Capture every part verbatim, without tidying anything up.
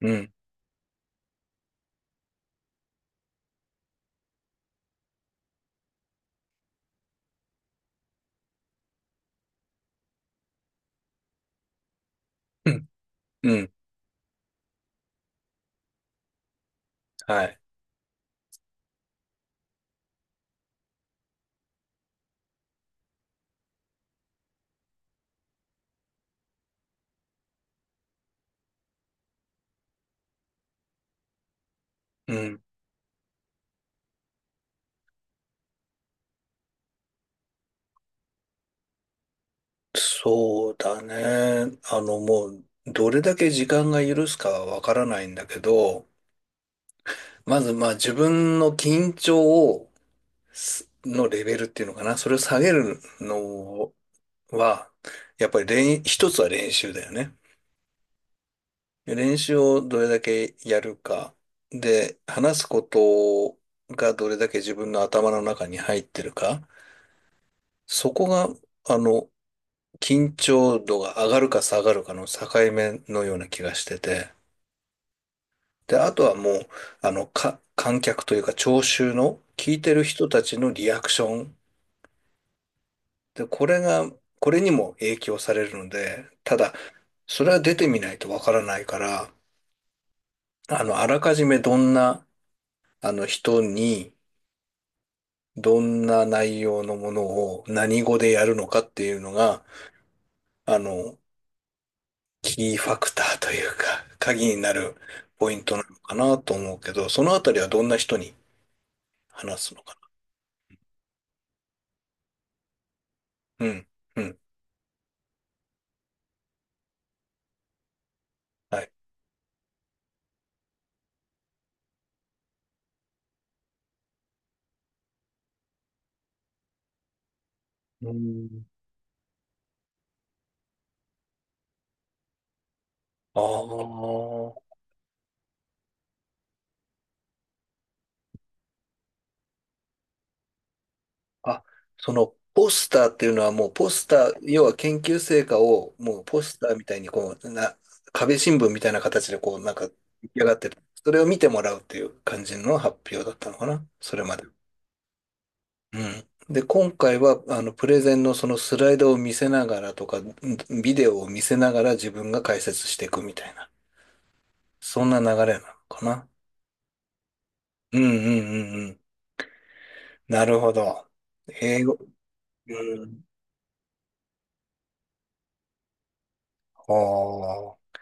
うん、うん、うん、はい。うん、そうだね。あの、もう、どれだけ時間が許すかはわからないんだけど、まず、まあ、自分の緊張を、すのレベルっていうのかな。それを下げるのは、やっぱり練、一つは練習だよね。練習をどれだけやるか。で、話すことがどれだけ自分の頭の中に入ってるか。そこが、あの、緊張度が上がるか下がるかの境目のような気がしてて、で、あとはもう、あの、か、観客というか聴衆の聞いてる人たちのリアクション。で、これが、これにも影響されるので、ただ、それは出てみないとわからないから、あの、あらかじめどんな、あの、人に、どんな内容のものを何語でやるのかっていうのが、あの、キーファクターというか、鍵になるポイントなのかなと思うけど、そのあたりはどんな人に話すのかな。うん、うん、はい。うん。ああ、あ、そのポスターっていうのはもうポスター、要は研究成果をもうポスターみたいにこう、な、壁新聞みたいな形でこう、なんか出来上がってる。それを見てもらうっていう感じの発表だったのかな、それまで。うん。で、今回は、あの、プレゼンのそのスライドを見せながらとか、んビデオを見せながら自分が解説していくみたいな、そんな流れなのかな。うんうんうんうん。なるほど。英語。うん。ほー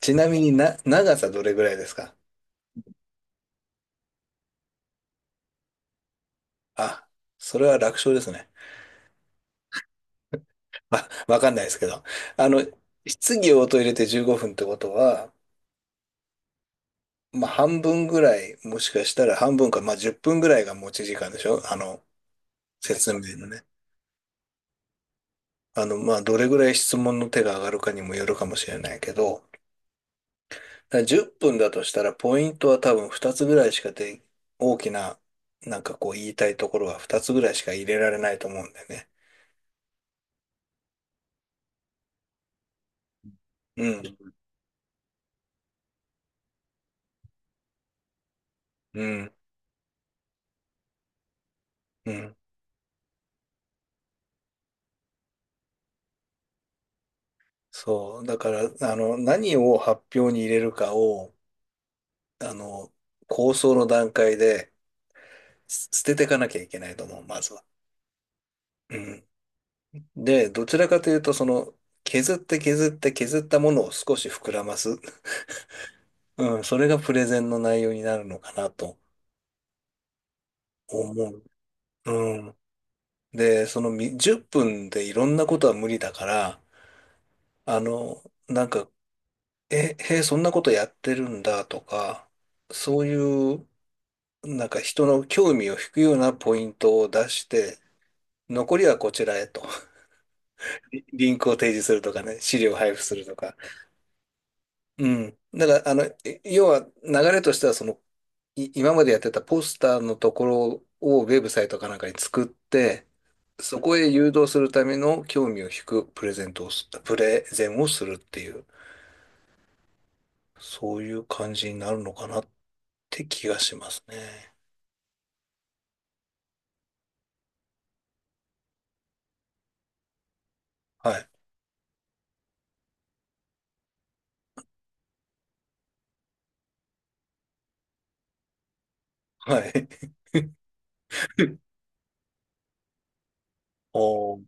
ちなみにな、長さどれぐらいですか？あ、それは楽勝ですね。あ、わかんないですけど。あの、質疑応答入れてじゅうごふんってことは、まあ半分ぐらい、もしかしたら半分か、まあじゅっぷんぐらいが持ち時間でしょ？あの、説明のね。あの、まあ、どれぐらい質問の手が上がるかにもよるかもしれないけど、だからじゅっぷんだとしたら、ポイントは多分ふたつぐらいしかで、大きな、なんかこう言いたいところはふたつぐらいしか入れられないと思うんだよね。うん、うん、うん。そう。だから、あの、何を発表に入れるかを、あの、構想の段階で捨捨てていかなきゃいけないと思う、まずは。うん。で、どちらかというと、その、削って削って削ったものを少し膨らます。うん、それがプレゼンの内容になるのかなと思う。うん。で、そのみじゅっぷんでいろんなことは無理だから、あの、なんか、え、へえ、そんなことやってるんだとか、そういう、なんか人の興味を引くようなポイントを出して、残りはこちらへと。リンクを提示するとかね、資料を配布するとか。うん。だから、あの、え要は流れとしては、その、い今までやってたポスターのところをウェブサイトかなんかに作って、そこへ誘導するための興味を引くプレゼントをす、プレゼンをするっていう、そういう感じになるのかなって気がしますね。はい。はい。おー、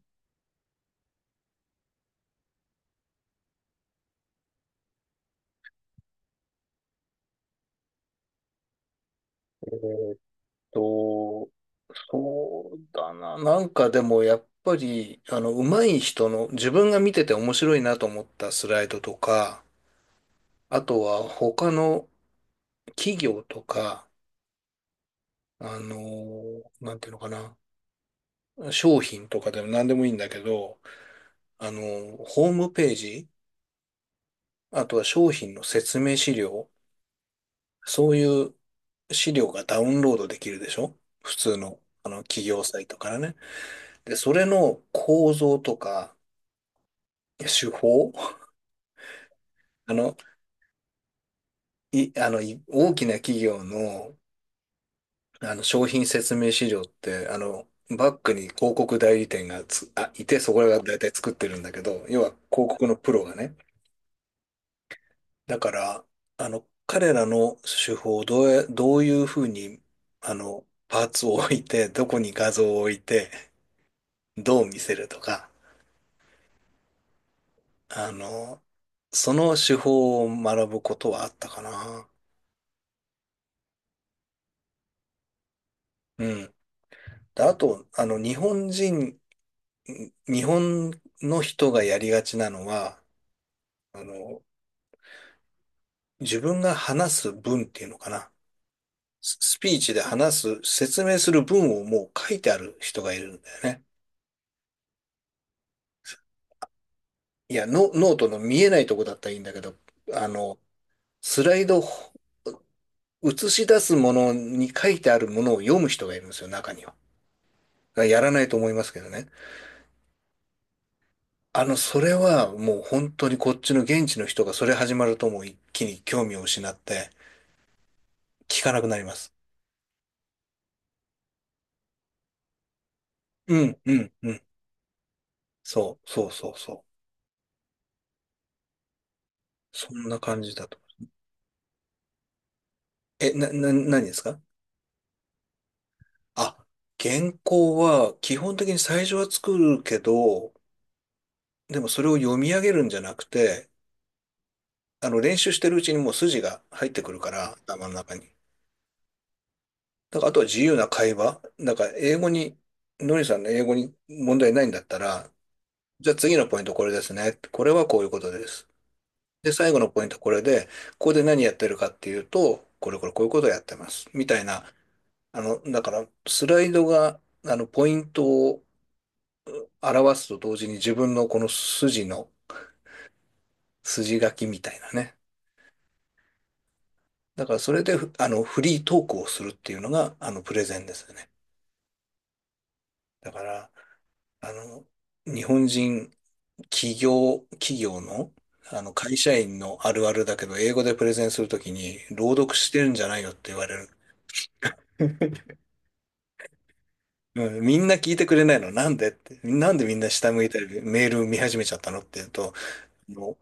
えーっと、そうだな。なんかでもやっぱり、あの、上手い人の、自分が見てて面白いなと思ったスライドとか、あとは他の企業とか、あのー、なんていうのかな。商品とかでも何でもいいんだけど、あの、ホームページ、あとは商品の説明資料、そういう資料がダウンロードできるでしょ？普通の、あの企業サイトからね。で、それの構造とか手法、あの、い、あの、い大きな企業の、あの商品説明資料って、あの、バックに広告代理店がつ、あ、いて、そこらが大体作ってるんだけど、要は広告のプロがね、だから、あの、彼らの手法をどうや、どういうふうに、あの、パーツを置いて、どこに画像を置いて、どう見せるとか、あの、その手法を学ぶことはあったかな。うん。で、あと、あの、日本人、日本の人がやりがちなのは、あの、自分が話す文っていうのかな。ススピーチで話す、説明する文をもう書いてある人がいるんだよね。いや、ノ、ノートの見えないとこだったらいいんだけど、あの、スライド映し出すものに書いてあるものを読む人がいるんですよ、中には。やらないと思いますけどね。あの、それはもう本当にこっちの現地の人がそれ始まるともう一気に興味を失って聞かなくなります。うん、うん、うん。そう、そう、そう、そう。そんな感じだと。え、な、な、何ですか？あ、原稿は基本的に最初は作るけど、でもそれを読み上げるんじゃなくて、あの、練習してるうちにもう筋が入ってくるから、頭の中に。だから、あとは自由な会話。だから、英語に、のりさんの英語に問題ないんだったら、じゃあ次のポイントこれですね。これはこういうことです。で、最後のポイントこれで、ここで何やってるかっていうと、これこれこういうことをやってます。みたいな、あの、だから、スライドが、あの、ポイントを表すと同時に自分のこの筋の、筋書きみたいなね。だから、それで、ふあの、フリートークをするっていうのが、あの、プレゼンですよね。だから、あの、日本人、企業、企業の、あの、会社員のあるあるだけど、英語でプレゼンするときに、朗読してるんじゃないよって言われる。うん、みんな聞いてくれないのなんでって。なんでみんな下向いたり、メール見始めちゃったのって言うと、も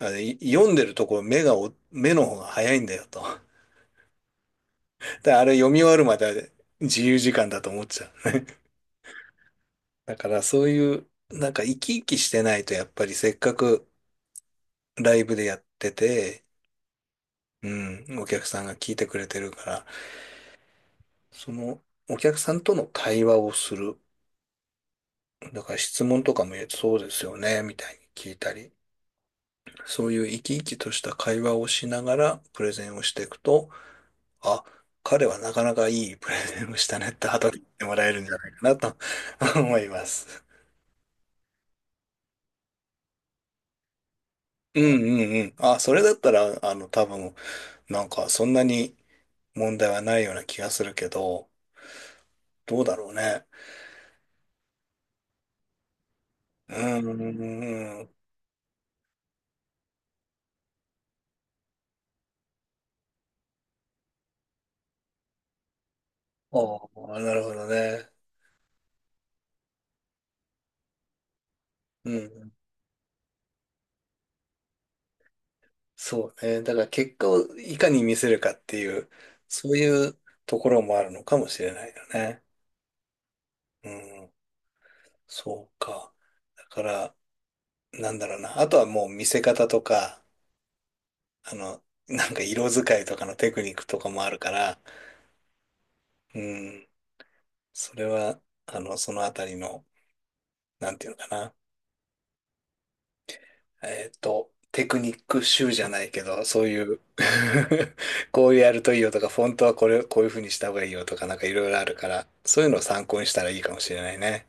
う、あれ、読んでるとこ目がお、目の方が早いんだよと。で、あれ読み終わるまで自由時間だと思っちゃう。だからそういう、なんか生き生きしてないと、やっぱりせっかくライブでやってて、うん、お客さんが聞いてくれてるから、そのお客さんとの対話をする。だから質問とかもそうですよね、みたいに聞いたり、そういう生き生きとした会話をしながらプレゼンをしていくと、あ、彼はなかなかいいプレゼンをしたねって後で言ってもらえるんじゃないかなと 思います。うんうんうん。あ、それだったら、あの、多分、なんかそんなに問題はないような気がするけど、どうだろうね。うん、うんうんああ、なるほどね。うん。そうね。だから結果をいかに見せるかっていう、そういうところもあるのかもしれないよね。うん。そうか。だから、なんだろうな。あとはもう見せ方とか、あの、なんか色使いとかのテクニックとかもあるから、うん。それは、あの、そのあたりの、なんていうのかな。えっと、テクニック集じゃないけど、そういう こういうやるといいよとか、フォントはこれ、こういう風にした方がいいよとか、なんかいろいろあるから、そういうのを参考にしたらいいかもしれないね。